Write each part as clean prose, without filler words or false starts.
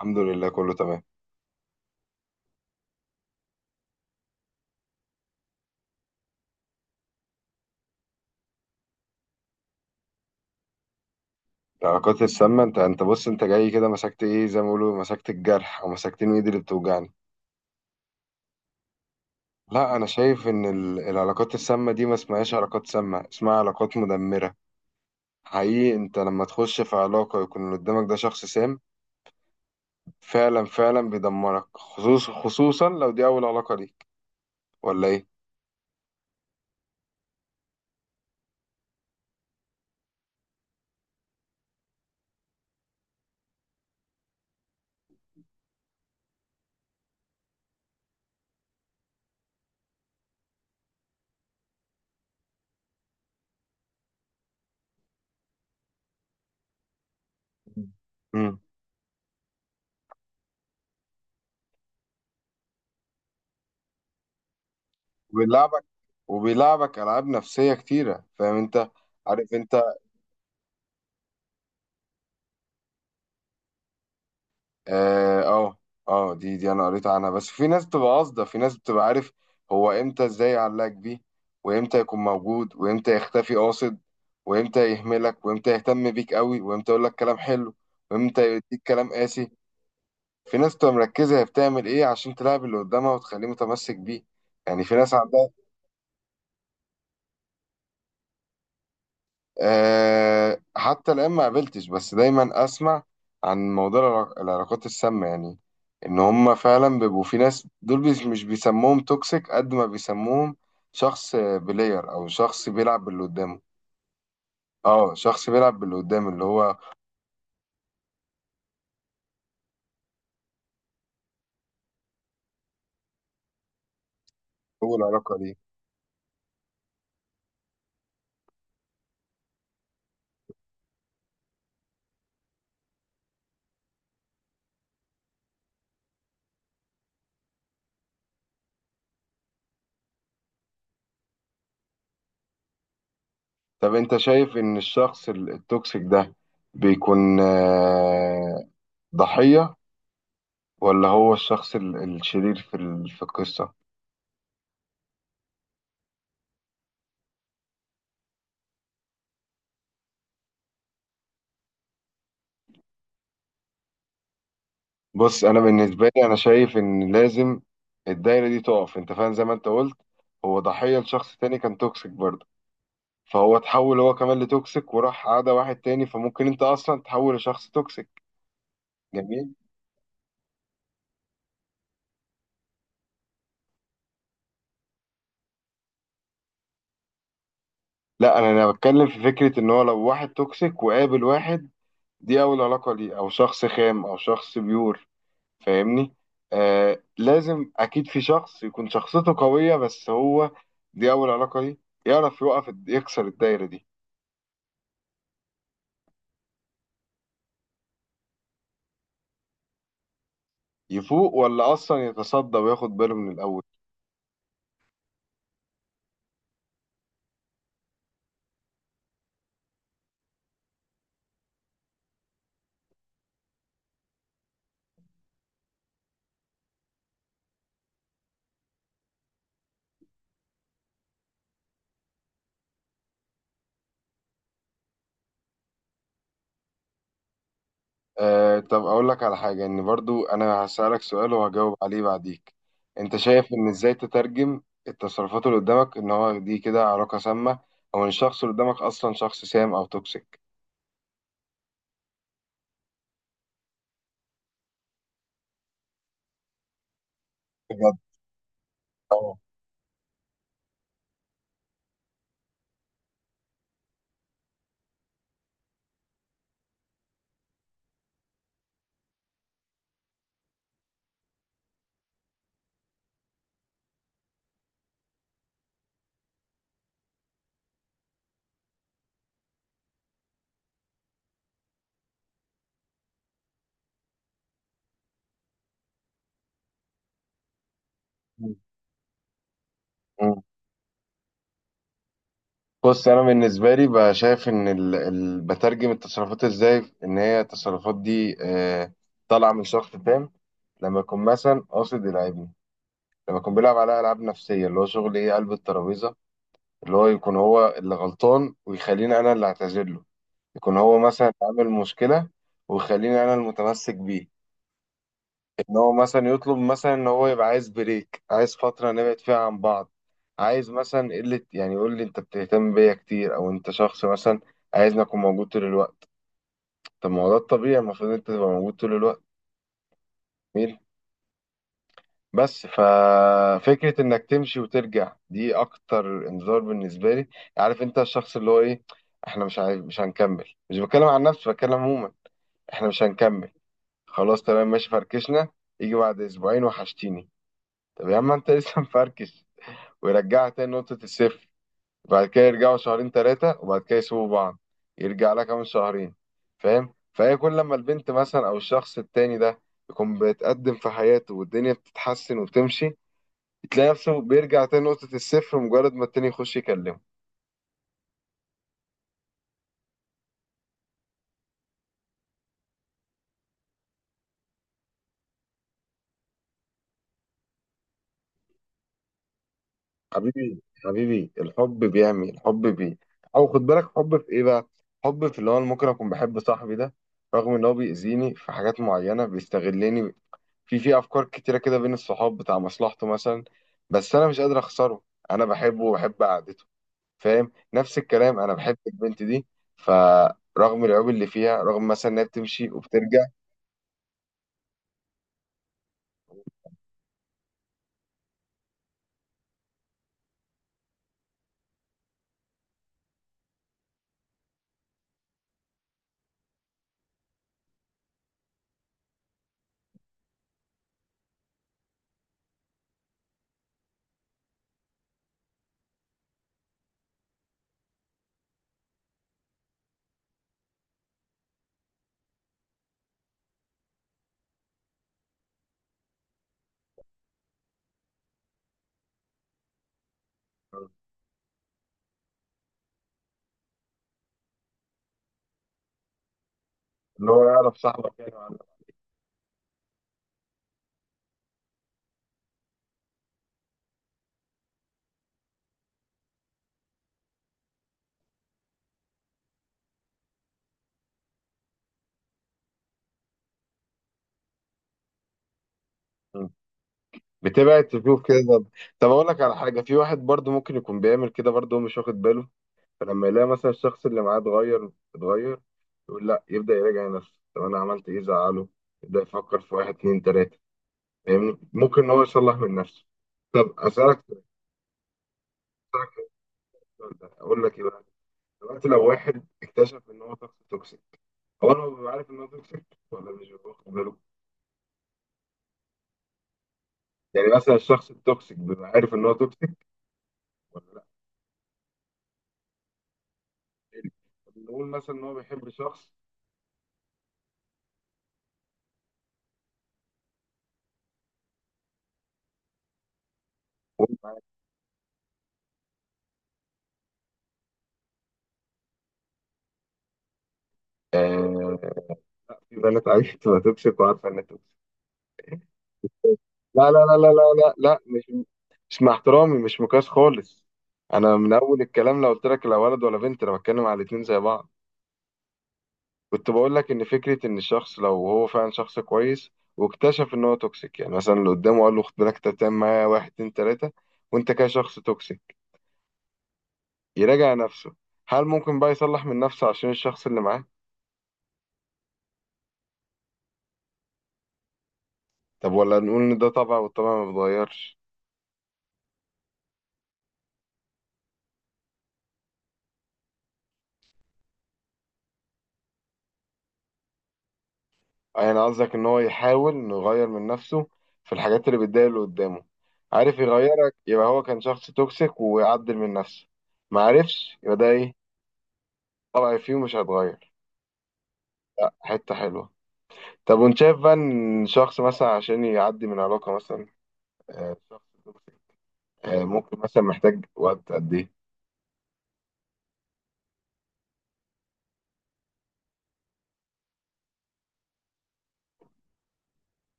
الحمد لله، كله تمام. العلاقات السامة، انت بص، انت جاي كده مسكت ايه زي ما بيقولوا، مسكت الجرح او مسكتين ايدي اللي بتوجعني. لا، انا شايف ان العلاقات السامة دي ما اسمهاش علاقات سامة، اسمها علاقات مدمرة. حقيقي، انت لما تخش في علاقة يكون اللي قدامك ده شخص سام. فعلا فعلا بيدمرك، خصوصا لو دي اول علاقة ليك. ولا ايه؟ امم. وبيلعبك وبيلعبك العاب نفسية كتيرة، فاهم انت؟ عارف انت، اه، اه، دي انا قريت عنها، بس في ناس بتبقى قاصده، في ناس بتبقى، عارف. هو امتى ازاي يعلقك بيه، وامتى يكون موجود وامتى يختفي قاصد، وامتى يهملك وامتى يهتم بيك قوي وامتى يقول لك كلام حلو، وامتى يديك كلام قاسي. في ناس بتبقى مركزه، هي بتعمل ايه عشان تلعب اللي قدامها وتخليه متمسك بيه. يعني في ناس عندها. أه، حتى الآن ما قابلتش، بس دايما أسمع عن موضوع العلاقات السامة، يعني إن هما فعلا بيبقوا في ناس دول، مش بيسموهم توكسيك قد ما بيسموهم شخص بلاير أو شخص بيلعب باللي قدامه. اه، شخص بيلعب باللي قدامه، اللي هو، هو العلاقة دي. طب أنت شايف إن الشخص التوكسيك ده بيكون، ضحية، ولا هو الشخص الشرير في في القصة؟ بص، انا بالنسبه لي انا شايف ان لازم الدايره دي تقف، انت فاهم؟ زي ما انت قلت، هو ضحيه لشخص تاني كان توكسيك برضه، فهو اتحول هو كمان لتوكسيك وراح عادى واحد تاني، فممكن انت اصلا تحول لشخص توكسيك. جميل. لا، انا بتكلم في فكره ان هو لو واحد توكسيك وقابل واحد دي اول علاقه ليه، او شخص خام او شخص بيور، فاهمني؟ لازم اكيد في شخص يكون شخصيته قويه، بس هو دي اول علاقه ليه يعرف يوقف، يكسر الدايره دي. يفوق ولا اصلا يتصدى وياخد باله من الاول؟ طب اقول لك على حاجه، ان برضو انا هسالك سؤال وهجاوب عليه بعديك. انت شايف ان ازاي تترجم التصرفات اللي قدامك ان هو دي كده علاقه سامه، او ان الشخص اللي قدامك اصلا شخص سام او توكسيك؟ بجد. اه. مم. بص، انا بالنسبه لي بقى شايف ان، ال، ال، بترجم التصرفات ازاي، ان هي التصرفات دي طالعه من شخص تام، لما يكون مثلا قاصد يلعبني، لما كان بيلعب على العاب نفسيه اللي هو شغل ايه، قلب الترابيزه، اللي هو يكون هو اللي غلطان ويخليني انا اللي اعتذر له، يكون هو مثلا عامل مشكله ويخليني انا المتمسك بيه. ان هو مثلا يطلب مثلا ان هو يبقى عايز بريك، عايز فتره نبعد فيها عن بعض، عايز مثلا قله، يعني يقول لي انت بتهتم بيا كتير، او انت شخص مثلا عايزني اكون موجود طول الوقت. طب ما هو ده الطبيعي، المفروض انت تبقى موجود طول الوقت. مين؟ بس ففكرة انك تمشي وترجع دي اكتر انذار بالنسبة لي. عارف انت الشخص اللي هو ايه، احنا مش عايز، مش هنكمل، مش بتكلم عن نفسي بتكلم عموما، احنا مش هنكمل، خلاص تمام ماشي فركشنا، يجي بعد اسبوعين وحشتيني. طب يا عم انت لسه مفركش، ويرجعها تاني نقطة الصفر، وبعد كده يرجعوا شهرين تلاتة وبعد كده يسيبوا بعض، يرجع لها كمان شهرين. فاهم؟ فهي كل لما البنت مثلا او الشخص التاني ده يكون بيتقدم في حياته والدنيا بتتحسن وبتمشي، تلاقي نفسه بيرجع تاني نقطة الصفر مجرد ما التاني يخش يكلمه. حبيبي حبيبي، الحب بيعمي، الحب بي. أو خد بالك، حب في إيه بقى؟ حب في اللي هو، أنا ممكن أكون بحب صاحبي ده رغم إن هو بيأذيني في حاجات معينة، بيستغلني في أفكار كتيرة كده بين الصحاب، بتاع مصلحته مثلا، بس أنا مش قادر أخسره، أنا بحبه وبحب قعدته. فاهم؟ نفس الكلام، أنا بحب البنت دي، فرغم العيوب اللي فيها، رغم مثلا إنها بتمشي وبترجع. اللي هو يعرف صاحبك يعني. بتبعد تشوف كده. طب، طب اقول لك على حاجه، في واحد برضو ممكن يكون بيعمل كده برضو هو مش واخد باله، فلما يلاقي مثلا الشخص اللي معاه اتغير اتغير، يقول لا، يبدا يراجع نفسه، طب انا عملت ايه زعله؟ يبدا يفكر في واحد اتنين تلاته، فاهمني؟ ممكن ان هو يصلح من نفسه. طب اسالك السؤال ده اقول لك ايه بقى؟ دلوقتي لو واحد اكتشف ان هو شخص توكسيك، هو انا ببقى عارف ان هو توكسيك، ولا مش ببقى واخد باله؟ يعني مثلا الشخص التوكسيك بيبقى عارف ان هو توكسيك ولا لا؟ نقول مثلا ان هو بيحب شخص. آه، في بنات عايزة تبقى توكسيك وعارفة إن توكسيك. لا لا لا لا لا لا لا، مش مع احترامي، مش مقياس خالص. أنا من أول الكلام لو قلت لك، لا ولد ولا بنت، أنا بتكلم على الاتنين زي بعض. كنت بقول لك إن فكرة إن الشخص لو هو فعلا شخص كويس واكتشف إن هو توكسيك، يعني مثلا اللي قدامه قال له خد بالك أنت بتعمل معايا واحد اتنين تلاتة وأنت كده شخص توكسيك، يراجع نفسه. هل ممكن بقى يصلح من نفسه عشان الشخص اللي معاه؟ طب ولا نقول إن ده طبع والطبع ما بيتغيرش؟ يعني قصدك ان هو يحاول انه يغير من نفسه في الحاجات اللي بتضايق اللي قدامه. عارف يغيرك، يبقى هو كان شخص توكسيك ويعدل من نفسه. ما عرفش، يبقى ده ايه؟ طبع فيه مش هيتغير. حتة حلوة. طب وانت شايف بقى ان شخص مثلا عشان يعدي من علاقة مثلا، شخص توكسيك، ممكن مثلا محتاج وقت قد ايه؟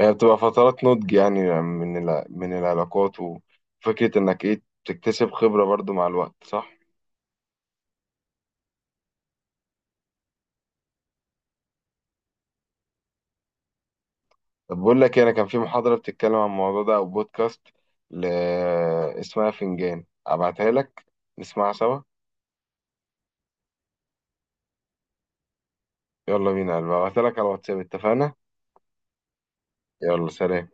هي بتبقى فترات نضج، يعني من من العلاقات، وفكرة انك ايه تكتسب خبرة برضو مع الوقت، صح؟ طب بقول لك إيه، انا كان في محاضرة بتتكلم عن الموضوع ده او بودكاست، ل... اسمها فنجان، ابعتها لك نسمعها سوا. يلا بينا يا قلبي، ابعتها لك على الواتساب، اتفقنا؟ يلا، سلام.